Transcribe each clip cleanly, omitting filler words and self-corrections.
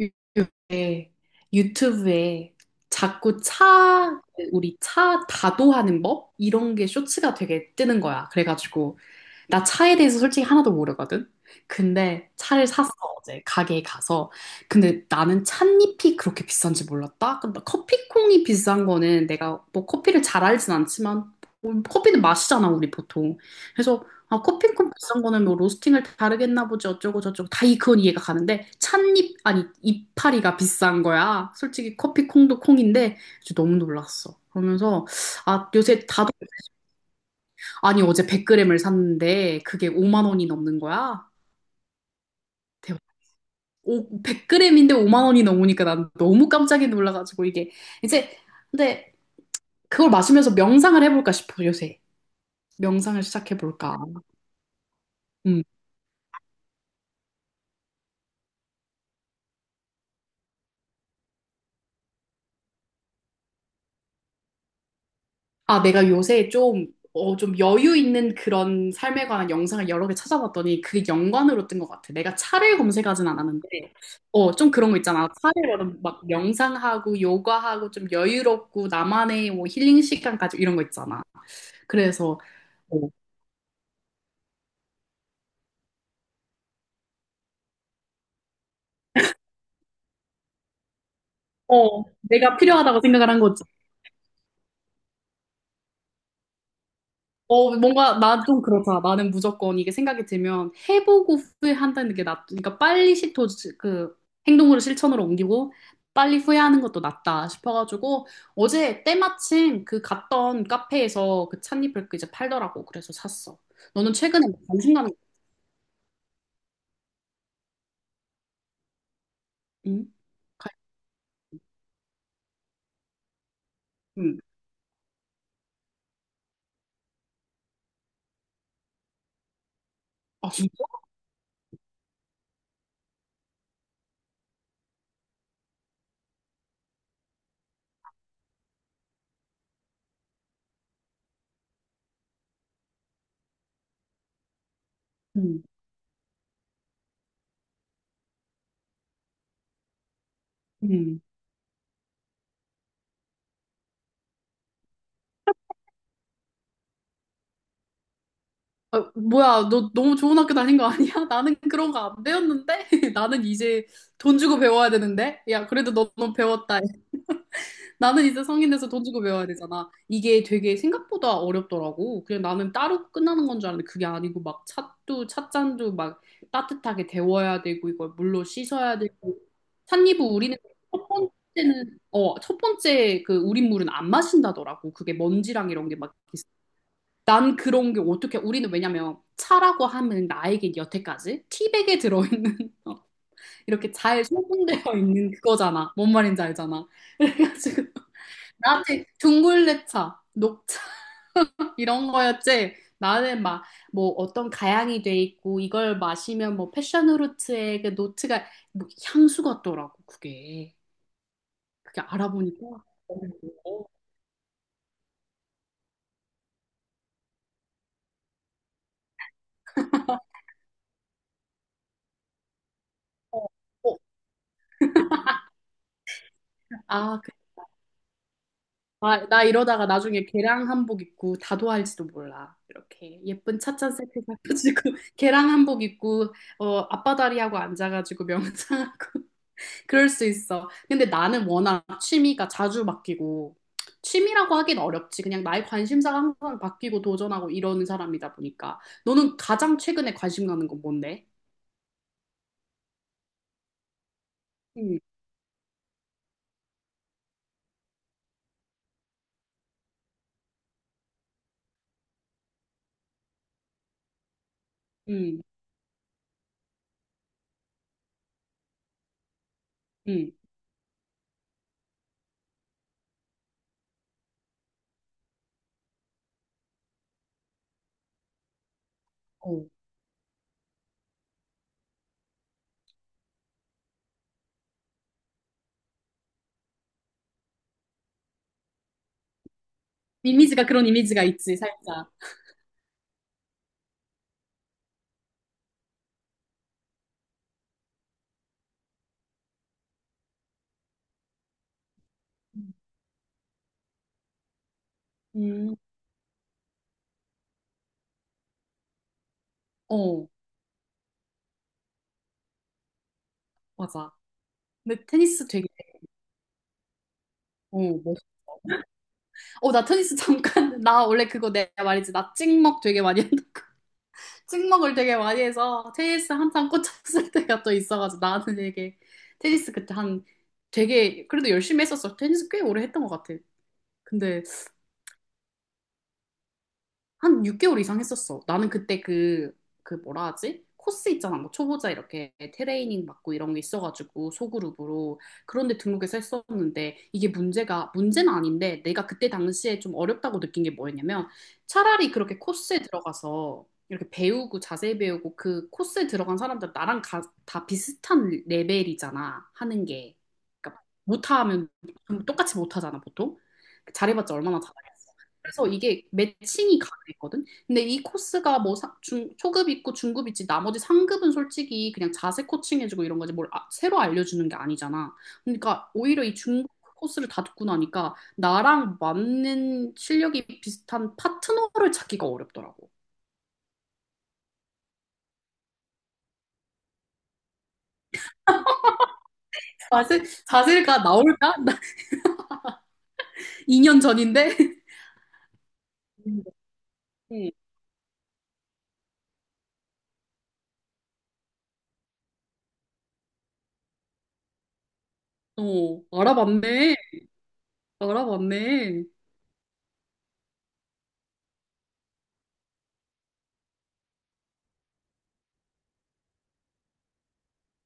요에 유튜브에 자꾸 차, 우리 차 다도하는 법? 이런 게 쇼츠가 되게 뜨는 거야. 그래가지고 나 차에 대해서 솔직히 하나도 모르거든. 근데 차를 샀어, 어제 가게에 가서. 근데 나는 찻잎이 그렇게 비싼지 몰랐다. 근데 커피콩이 비싼 거는 내가 뭐 커피를 잘 알진 않지만 뭐 커피는 마시잖아, 우리 보통. 그래서 아, 커피콩 비싼 거는 뭐 로스팅을 다르겠나 보지 어쩌고 저쩌고 다 이, 그건 이해가 가는데 찻잎 아니 이파리가 비싼 거야. 솔직히 커피콩도 콩인데 진짜 너무 놀랐어. 그러면서 아, 요새 다 아니, 어제 100g을 샀는데 그게 5만 원이 넘는 거야? 대박. 오, 100g인데 5만 원이 넘으니까 난 너무 깜짝이 놀라가지고 이게 이제 근데 그걸 마시면서 명상을 해볼까 싶어, 요새. 명상을 시작해볼까. 음. 아, 내가 요새 좀, 어, 좀 여유 있는 그런 삶에 관한 영상을 여러 개 찾아봤더니 그게 연관으로 뜬 것 같아. 내가 차를 검색하진 않았는데, 어, 좀 그런 거 있잖아. 차를 막 명상하고 요가하고 좀 여유롭고 나만의 뭐 힐링 시간까지 이런 거 있잖아. 그래서, 어, 내가 필요하다고 생각을 한거 어, 뭔가 나 좀 그렇다. 나는 무조건 이게 생각이 들면 해보고 후회한다는 게 낫, 그러니까 빨리 시도 그 행동으로 실천으로 옮기고 빨리 후회하는 것도 낫다 싶어가지고 어제 때마침 그 갔던 카페에서 그 찻잎을 그 이제 팔더라고. 그래서 샀어. 너는 최근에 뭐 관심가는 응? 관- 응. 아 진짜? 응. 응. 아, 뭐야, 너 너무 좋은 학교 다닌 거 아니야? 나는 그런 거 안 배웠는데? 나는 이제 돈 주고 배워야 되는데? 야, 그래도 너무 배웠다. 나는 이제 성인 돼서 돈 주고 배워야 되잖아. 이게 되게 생각보다 어렵더라고. 그냥 나는 따로 끝나는 건 줄 알았는데 그게 아니고 막 찻도 찻잔도 막 따뜻하게 데워야 되고 이걸 물로 씻어야 되고 찻잎을 우리는 첫 번째는 어, 첫 번째 그 우린 물은 안 마신다더라고. 그게 먼지랑 이런 게 막 있어. 난 그런 게 어떻게 우리는 왜냐면 차라고 하면 나에게 여태까지 티백에 들어있는 어, 이렇게 잘 소분되어 있는 그거잖아. 뭔 말인지 알잖아. 그래가지고 나한테 둥글레차, 녹차 이런 거였지. 나는 막 뭐 어떤 가양이 돼 있고 이걸 마시면 뭐 패션 후르츠의 그 노트가 뭐 향수 같더라고 그게. 그게 알아보니까. 어, 어, 어. 아, 그- 아, 나 이러다가 나중에 계량 한복 입고 다도할지도 몰라. 이렇게 예쁜 찻잔 세트 사가지고 계량 한복 입고 어, 앞바다리 하고 앉아가지고 명상하고 그럴 수 있어. 근데 나는 워낙 취미가 자주 바뀌고, 취미라고 하긴 어렵지. 그냥 나의 관심사가 항상 바뀌고 도전하고 이러는 사람이다 보니까. 너는 가장 최근에 관심 가는 건 뭔데? 응, 응, 응. 어. 이미지가 그런 이미지가 있지, 살짝. 음, 어, 맞아. 근데 테니스 되게, 어, 멋- 어, 나 테니스 잠깐, 나 원래 그거 내가 말했지. 나 찍먹 되게 많이 한다. 찍먹을 되게 많이 해서 테니스 한참 꽂혔을 때가 또 있어가지고 나는 되게 테니스 그때 한 되게 그래도 열심히 했었어. 테니스 꽤 오래 했던 것 같아. 근데 한 6개월 이상 했었어. 나는 그때 그, 그 뭐라 하지? 코스 있잖아. 뭐 초보자 이렇게 트레이닝 받고 이런 게 있어가지고 소그룹으로 그런데 등록해서 했었는데 이게 문제가 문제는 아닌데 내가 그때 당시에 좀 어렵다고 느낀 게 뭐였냐면 차라리 그렇게 코스에 들어가서 이렇게 배우고 자세히 배우고 그 코스에 들어간 사람들 나랑 가- 다 비슷한 레벨이잖아 하는 게 그러니까 못하면 좀 똑같이 못하잖아 보통 그 잘해봤자 얼마나 잘하겠어. 그래서 이게 매칭이 가능했거든. 근데 이 코스가 뭐 사- 중, 초급 있고 중급 있지 나머지 상급은 솔직히 그냥 자세 코칭 해주고 이런 거지 뭘 아- 새로 알려주는 게 아니잖아. 그러니까 오히려 이 중급 코스를 다 듣고 나니까 나랑 맞는 실력이 비슷한 파트너를 찾기가 어렵더라고. 자세, 자세가 나올까? 나 2년 전인데. 음, 음. 어, 알아봤네. 알아봤네.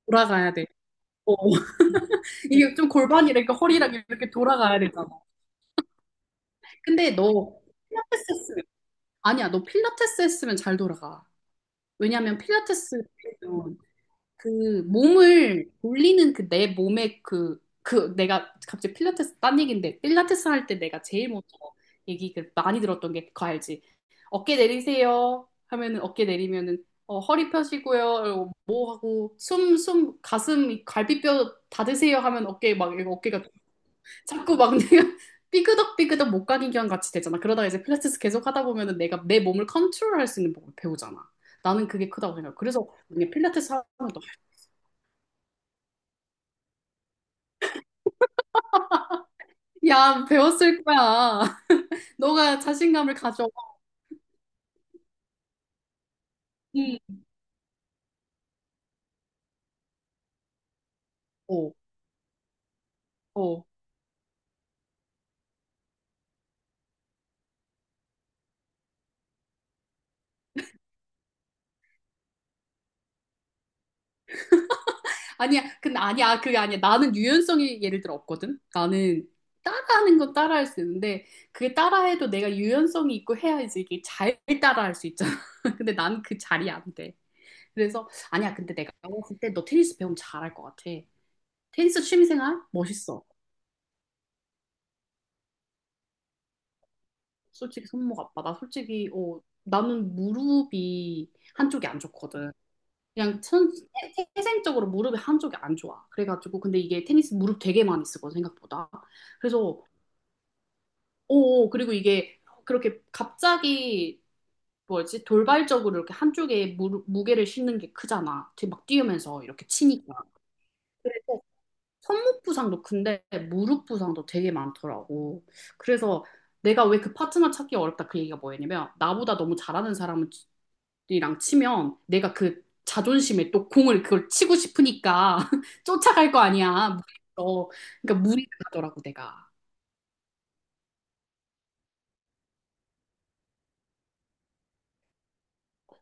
돌아가야 돼. 어, 이게 좀 골반이랑 이렇게 허리랑 이렇게 돌아가야 되잖아. 근데 너 필라테스 했으면 아니야, 너 필라테스 했으면 잘 돌아가. 왜냐면 필라테스 그도그 몸을 돌리는 그 내 몸의 그 내가 갑자기 필라테스 딴 얘기인데 필라테스 할 때 내가 제일 먼저 얘기 그 많이 들었던 게 그거 알지? 어깨 내리세요 하면은 어깨 내리면은 어, 허리 펴시고요. 이러고 뭐 하고 숨 가슴 갈비뼈 닫으세요 하면 어깨 막 이거 어깨가 자꾸 막 내가 삐그덕삐그덕 목각인견 같이 되잖아. 그러다가 이제 필라테스 계속 하다 보면은 내가 내 몸을 컨트롤할 수 있는 법을 배우잖아. 나는 그게 크다고 생각해. 그래서 그냥 필라테스 하면 또, 야, 배웠을 거야. 너가 자신감을 가져. 응. 어, 어. 아니야, 근데 아니야, 아, 그게 아니야. 나는 유연성이 예를 들어 없거든. 나는 따라하는 건 따라할 수 있는데 그게 따라해도 내가 유연성이 있고 해야지 이게 잘 따라할 수 있잖아. 근데 난 그 자리 안 돼. 그래서 아니야 근데 내가 봤을 때 너 테니스 배우면 잘할 것 같아 테니스 취미생활 멋있어 솔직히 손목 아파 나 솔직히 어 나는 무릎이 한쪽이 안 좋거든 그냥 천, 태- 태생적으로 무릎이 한쪽이 안 좋아 그래가지고 근데 이게 테니스 무릎 되게 많이 쓰거든 생각보다 그래서 그리고 이게 그렇게 갑자기 뭐지 돌발적으로 이렇게 한쪽에 무릎, 무게를 싣는 게 크잖아 뒤- 막 뛰면서 이렇게 치니까 손목 부상도 근데 무릎 부상도 되게 많더라고. 그래서 내가 왜 그 파트너 찾기 어렵다 그 얘기가 뭐였냐면 나보다 너무 잘하는 사람이랑 치면 내가 그 자존심에 또 공을 그걸 치고 싶으니까 쫓아갈 거 아니야. 무리해서. 그러니까 무리가더라고 내가.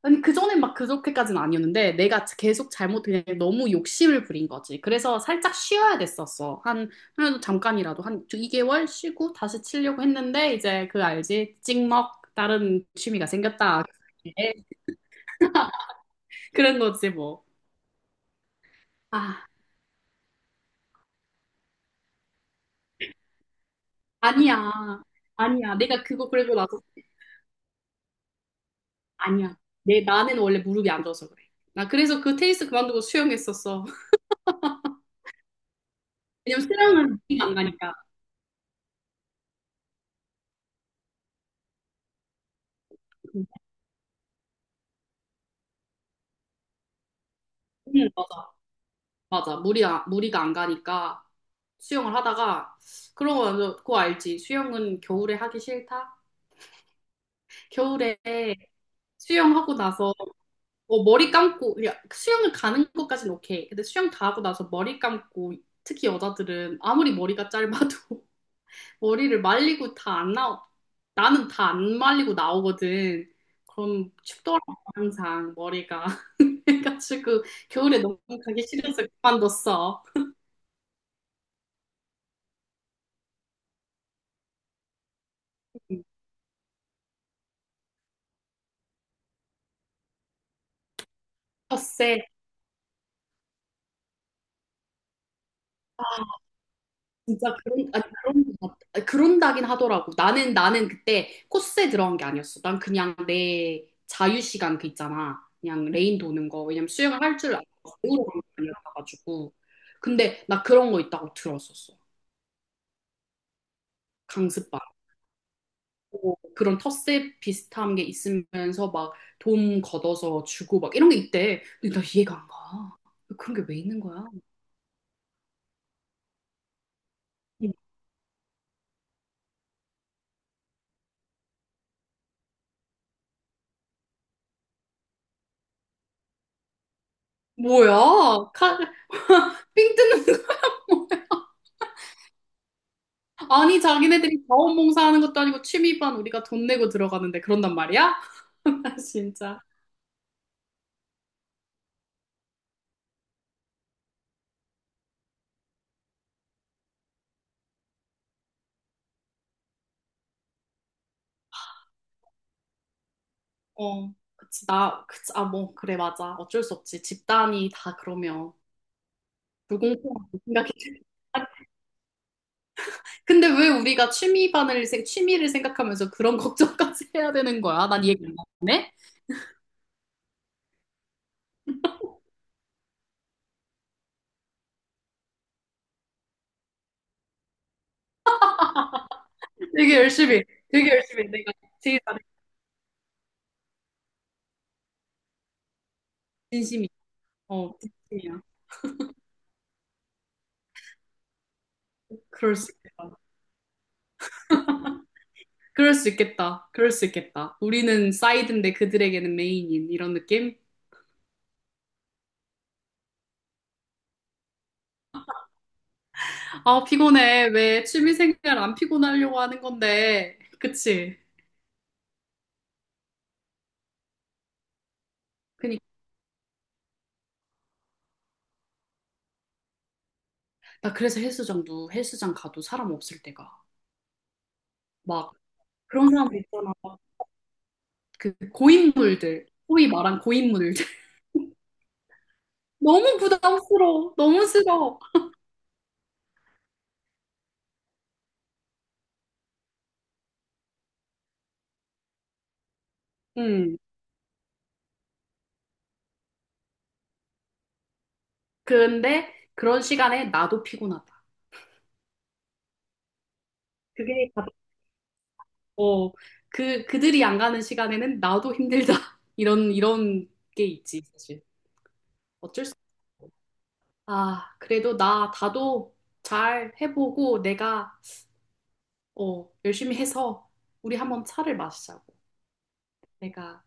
아니 그전엔 막 그렇게까지는 아니었는데 내가 계속 잘못 그냥 너무 욕심을 부린 거지. 그래서 살짝 쉬어야 됐었어. 한 그래도 잠깐이라도 한 2개월 쉬고 다시 치려고 했는데 이제 그 알지? 찍먹 다른 취미가 생겼다. 그게. 그런 거지 뭐. 아, 아니야. 아니야. 내가 그거 그러고 나서 아니야. 내 나는 원래 무릎이 안 좋아서 그래. 나 그래서 그 테니스 그만두고 수영했었어. 왜냐면 수영은 느낌 안 가니까. 응, 맞아. 맞아. 물이, 아- 무리가 안 가니까 수영을 하다가, 그런 거, 완전 그거 알지? 수영은 겨울에 하기 싫다? 겨울에 수영하고 나서, 어, 머리 감고, 그냥 수영을 가는 것까지는 오케이. 근데 수영 다 하고 나서 머리 감고, 특히 여자들은 아무리 머리가 짧아도 머리를 말리고 다 안 나오, 나는 다 안 말리고 나오거든. 그럼 춥더라고, 항상 머리가. 그래가지고, 겨울에 너무 가기 싫어서 그만뒀어. 텃세. 진짜 그런 아니 그런 것 같- 아니, 그런다긴 하더라고. 나는 그때 코스에 들어간 게 아니었어. 난 그냥 내 자유 시간 그 있잖아. 그냥 레인 도는 거. 왜냐면 수영을 할 줄 알고 배우러 간거 아니었어가지고. 근데 나 그런 거 있다고 들었었어. 강습반. 뭐 그런 텃세 비슷한 게 있으면서 막 돈 걷어서 주고 막 이런 게 있대. 근데 나 이해가 안 가. 그런 게 왜 있는 거야? 뭐야? 칼, 삥 뜯는 거. 아니, 자기네들이 자원봉사하는 것도 아니고 취미반 우리가 돈 내고 들어가는데 그런단 말이야? 나 진짜. 어, 그치, 나, 그치, 아, 뭐, 그래, 맞아. 어쩔 수 없지. 집단이 다 그러면 불공평하게 생각해. 아, 근데 왜 우리가 취미반을, 생- 취미를 생각하면서 그런 걱정까지 해야 되는 거야? 난 이해가 안 가네? 되게 열심히, 되게 열심히. 내가 제일 잘해. 진심이. 어, 진심이야. 그럴 수 있겠다. 그럴 수 있겠다. 우리는 사이드인데 그들에게는 메인인 이런 느낌? 아, 피곤해. 왜 취미생활 안 피곤하려고 하는 건데. 그치? 그니까. 나 그래서 헬스장도 헬스장 가도 사람 없을 때가. 막 그런 사람들 있잖아. 막그 고인물들. 소위 말한 고인물들. 너무 부담스러워. 너무 싫어. 음. 근데 그런 시간에 나도 피곤하다. 그게 가장, 어, 그, 그들이 안 가는 시간에는 나도 힘들다. 이런, 이런 게 있지, 사실. 어쩔 수 없어. 아, 그래도 나, 나도 잘 해보고 내가, 어, 열심히 해서 우리 한번 차를 마시자고. 내가,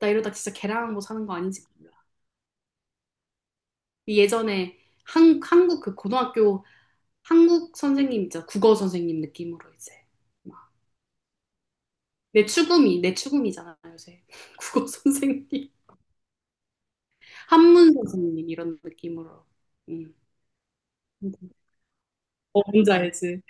나 이러다 진짜 계량하고 사는 거 아닌지 몰라. 이 예전에 한, 한국 그 고등학교 한국 선생님 있잖아. 국어 선생님 느낌으로 이제. 막 내 추구미, 내 추구미잖아, 요새. 국어 선생님, 한문 선생님 이런 느낌으로. 음. 어, 뭔지 알지?